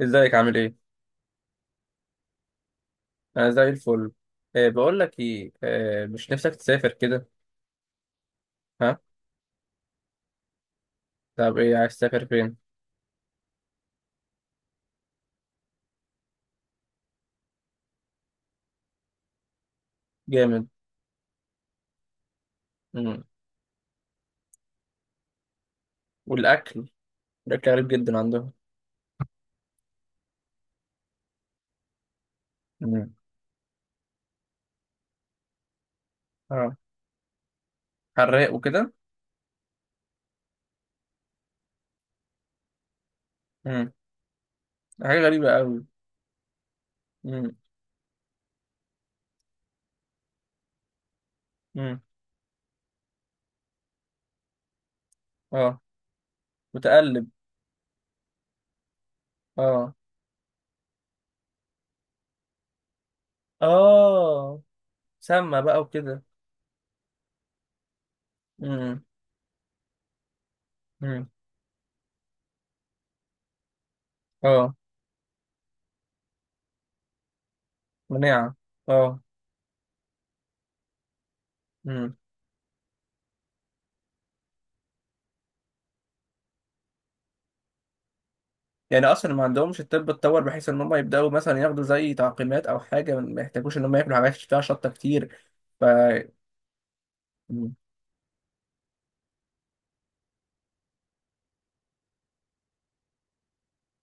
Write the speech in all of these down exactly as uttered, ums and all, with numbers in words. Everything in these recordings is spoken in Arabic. ازيك عامل ايه؟ انا زي الفل. أه بقول لك ايه، أه مش نفسك تسافر كده؟ ها؟ طب، ايه عايز تسافر فين؟ جامد. مم. والاكل الاكل غريب جدا عندهم. مم. اه، حراق وكده. مم. حاجة غريبة قوي. مم. مم. اه، متقلب. اه، اه، سمنة بقى وكده. مم. مم. اه، مناعة. اه، يعني اصلا ما عندهمش الطب اتطور بحيث ان هم يبداوا مثلا ياخدوا زي تعقيمات او حاجه، ما يحتاجوش ان هم ياكلوا حاجات فيها شطه كتير؟ ف م-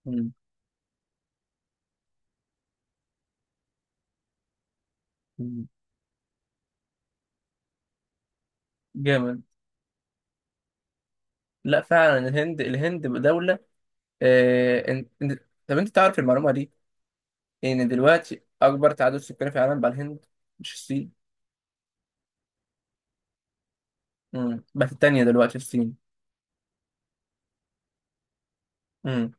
م- م- جامد. لا، فعلا الهند الهند دوله. آه... انت... انت- طب، انت تعرف المعلومه دي، ان دلوقتي اكبر تعداد سكاني في العالم بقى الهند، مش الصين؟ م. بس التانيه دلوقتي الصين. م.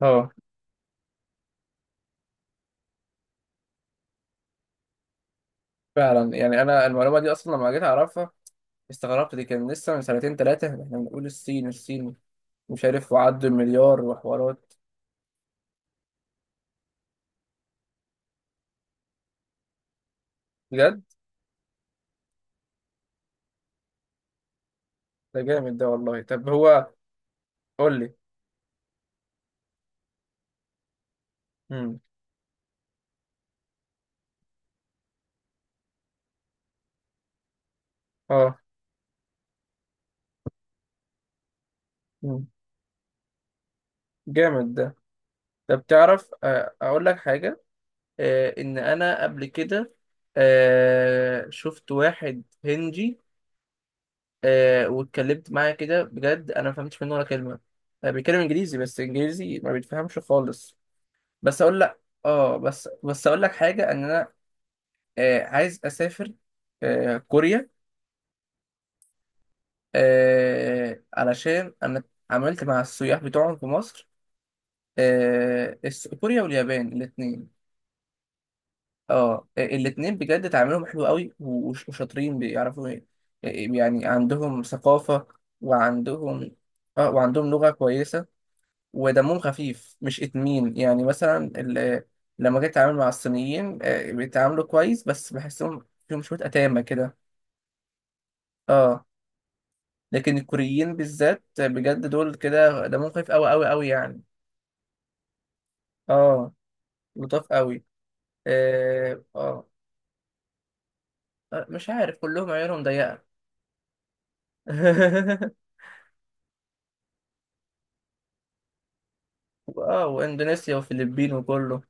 اه، فعلا، يعني انا المعلومه دي اصلا لما جيت اعرفها استغربت، دي كان لسه من سنتين ثلاثه احنا بنقول الصين الصين. مش عارف، وعدوا المليار وحوارات. بجد. ده جامد ده والله. طب هو. قول لي. امم. اه. مم. جامد ده. طب تعرف، آه، اقول لك حاجه، آه، ان انا قبل كده آه، شفت واحد هندي، آه، واتكلمت معاه كده، بجد انا ما فهمتش منه ولا كلمه. آه، بيتكلم انجليزي، بس انجليزي ما بيتفهمش خالص. بس اقول لك، اه، بس بس اقول لك حاجه ان انا آه، عايز اسافر آه، كوريا، آه، علشان انا عملت مع السياح بتوعهم في مصر. آه، الس- كوريا واليابان الاثنين. اه، الاثنين بجد تعاملهم حلو قوي و- وش- وشاطرين بيعرفوا ي- يعني عندهم ثقافة وعندهم. اه، وعندهم لغة كويسة، ودمهم خفيف، مش اتمين، يعني مثلا ال- لما جيت اتعامل مع الصينيين، آه، بيتعاملوا كويس، بس بحسهم فيهم شوية أتامة كده. اه. لكن الكوريين بالذات، بجد دول كده دمهم خفيف قوي قوي قوي، يعني. اه، لطاف قوي. اه. آه، مش عارف كلهم عيونهم ضيقة. اه، واندونيسيا وفلبين وكله.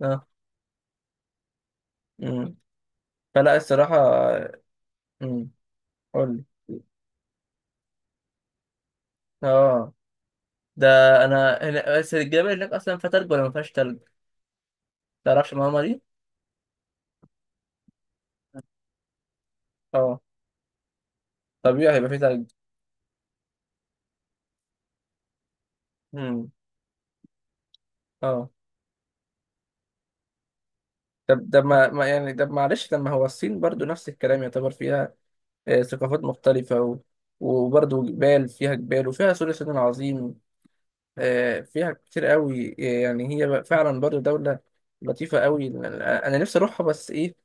اه. مم. فلا الصراحة. مم. قول لي. اه. ده انا هنا، بس الجبل هناك اصلا فيها تلج ولا ما فيهاش تلج؟ تعرفش المعلومة دي؟ اه، طبيعي هيبقى فيه تلج. مم. اه، طب ده ما ما- يعني ده، معلش، لما هو الصين برضو نفس الكلام يعتبر فيها آه، ثقافات مختلفة و... وبرضو جبال، فيها جبال وفيها سور الصين العظيم. آه، فيها كتير قوي، آه، يعني هي بقى فعلا برضه دولة لطيفة قوي. أنا أنا نفسي أروحها، بس إيه،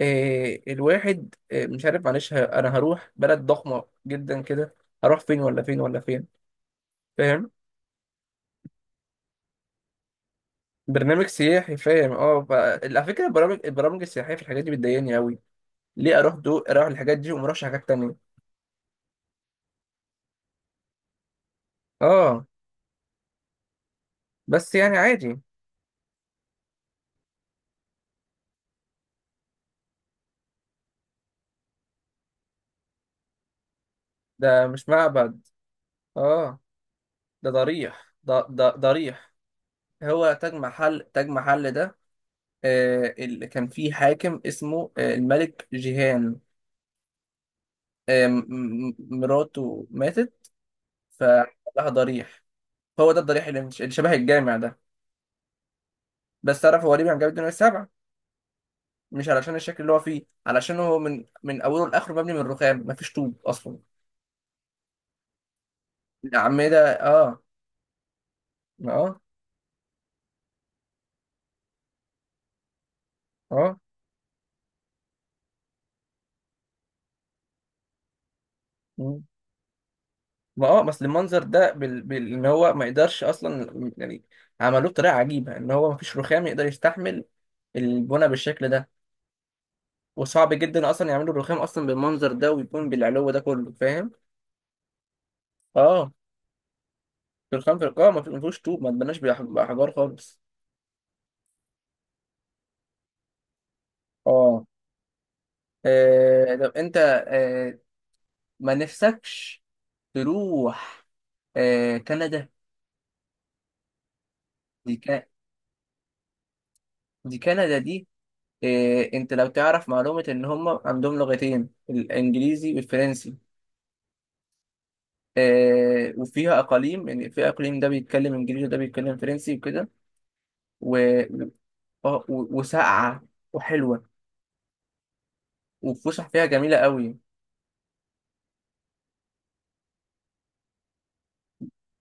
آه، الواحد آه، مش عارف، معلش ه- أنا هروح بلد ضخمة جدا كده، هروح فين ولا فين ولا فين؟ فاهم. برنامج سياحي، فاهم. اه، ف- على فكرة، البرامج البرامج السياحية في الحاجات دي بتضايقني قوي. ليه أروح دو أروح الحاجات دي وما أروحش حاجات تانية؟ اه، بس يعني عادي. ده مش معبد. اه، ده ضريح، ده ده ضريح. هو تاج محل، تاج محل ده، آه، اللي كان في حاكم اسمه، آه، الملك جيهان. آه، م- م- مراته ماتت، فلها ضريح. هو ده الضريح اللي مش- اللي شبه الجامع ده. بس تعرف هو ليه بيعمل جامعة الدنيا السبع؟ مش علشان الشكل اللي هو فيه، علشان هو من من اوله لاخره مبني من رخام، مفيش طوب اصلا. الأعمدة. اه. اه. اه. مم. ما، اه، بس المنظر ده، بال... بال... ان هو ما يقدرش اصلا، يعني عملوه بطريقه عجيبه، ان هو مفيش رخام يقدر يستحمل البنى بالشكل ده. وصعب جدا اصلا يعملوا برخام اصلا بالمنظر ده ويكون بالعلو ده كله، فاهم؟ اه، برخام في القاع، ما في- ما فيهوش طوب، ما اتبناش بأح- باحجار خالص. اه. آه، طب انت آه ما نفسكش تروح آه كندا؟ دي كا... دي كندا دي. آه انت لو تعرف معلومة، ان هم عندهم لغتين، الانجليزي والفرنسي. آه وفيها اقاليم، يعني في اقليم ده بيتكلم انجليزي وده بيتكلم فرنسي وكده. و... آه، و... وساقعة وحلوة، والفسح فيها جميلة قوي.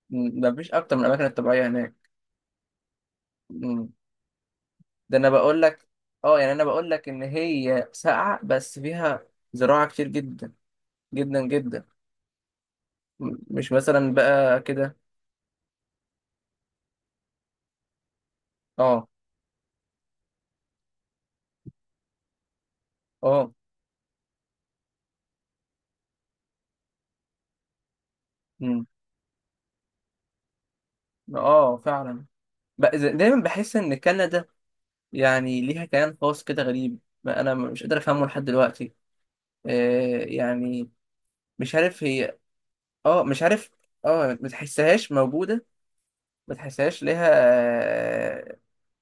م- مفيش أكتر من الأماكن الطبيعية هناك. م. ده أنا بقول لك، أه يعني أنا بقول لك إن هي ساقعة بس فيها زراعة كتير جدا، جدا جدا. م- مش مثلا بقى كده. أه. أه. م. أه، فعلا. بقى زي- دايما بحس إن كندا يعني ليها كيان خاص كده غريب، ما أنا مش قادر أفهمه لحد دلوقتي. آه يعني، مش عارف هي. أه، مش عارف. أه، ما تحسهاش موجودة، ما تحسهاش ليها.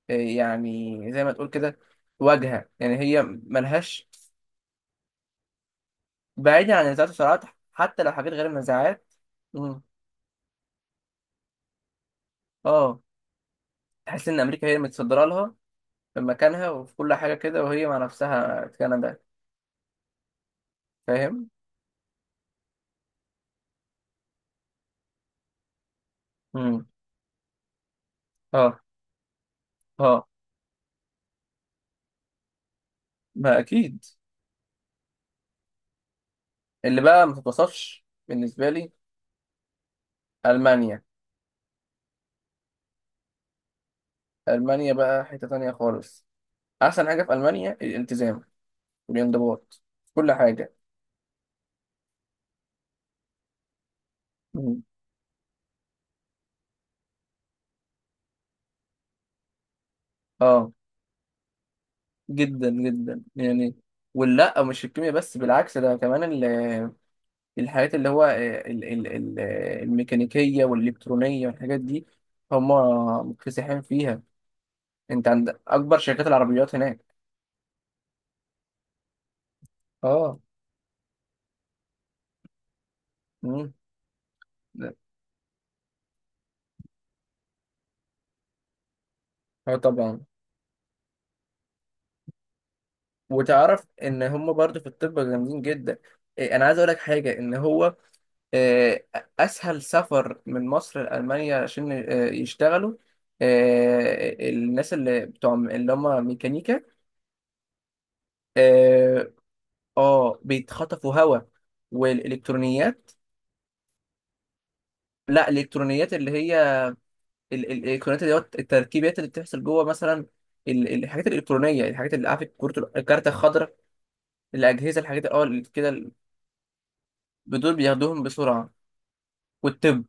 يعني زي ما تقول كده واجهة، يعني هي ملهاش. بعيدا عن النزاعات والصراعات، حتى لو حاجات غير النزاعات. مم. اه، تحس ان امريكا هي اللي متصدره لها في مكانها وفي كل حاجه كده، وهي مع نفسها كندا. فاهم. مم. اه. اه. ما اكيد، اللي بقى ما تتوصفش بالنسبه لي المانيا. المانيا بقى حته تانية خالص. احسن حاجه في المانيا الالتزام والانضباط في كل حاجه. مم. اه، جدا جدا يعني. ولا، مش الكيمياء بس، بالعكس ده كمان ال- الحاجات اللي هو آه، ال- ال- ال- آه، الميكانيكية والإلكترونية والحاجات دي. هم مكتسحين فيها. انت عند أكبر شركات العربيات هناك. اه. امم لا، اه طبعا. وتعرف ان هم برضو في الطب جامدين جدا. إيه، انا عايز اقول لك حاجه، ان هو آه، اسهل سفر من مصر لالمانيا عشان آه، يشتغلوا، آه، الناس اللي بتوع اللي هم ميكانيكا. اه. آه، بيتخطفوا هواء، والالكترونيات. لا، الالكترونيات اللي هي ال- ال- الالكترونيات اللي هو التركيبات اللي بتحصل جوه مثلا، ال- ال- الحاجات الالكترونيه، الحاجات اللي عارف، الكروت- الكارت الخضراء، الاجهزه، الحاجات، اه، اللي كده. دول بياخدوهم بسرعه، والطب.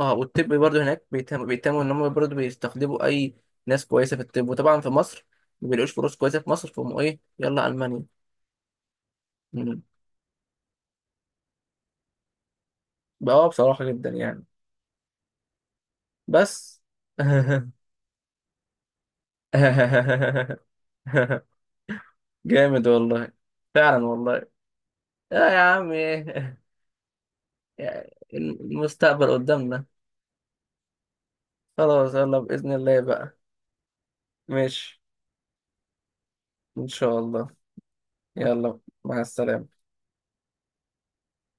اه، والطب برضه هناك بيتهم- بيتهموا ان هم برضه بيستخدموا اي ناس كويسه في الطب، وطبعا في مصر ما بيلاقوش فرص كويسه في مصر، فهم ايه، يلا المانيا. مم. بقى آه، بصراحه جدا يعني. بس. جامد والله. فعلا والله. لا يا عم، ايه. يعني المستقبل قدامنا. خلاص يلا بإذن الله بقى. ماشي. إن شاء الله. يلا. مع السلامة.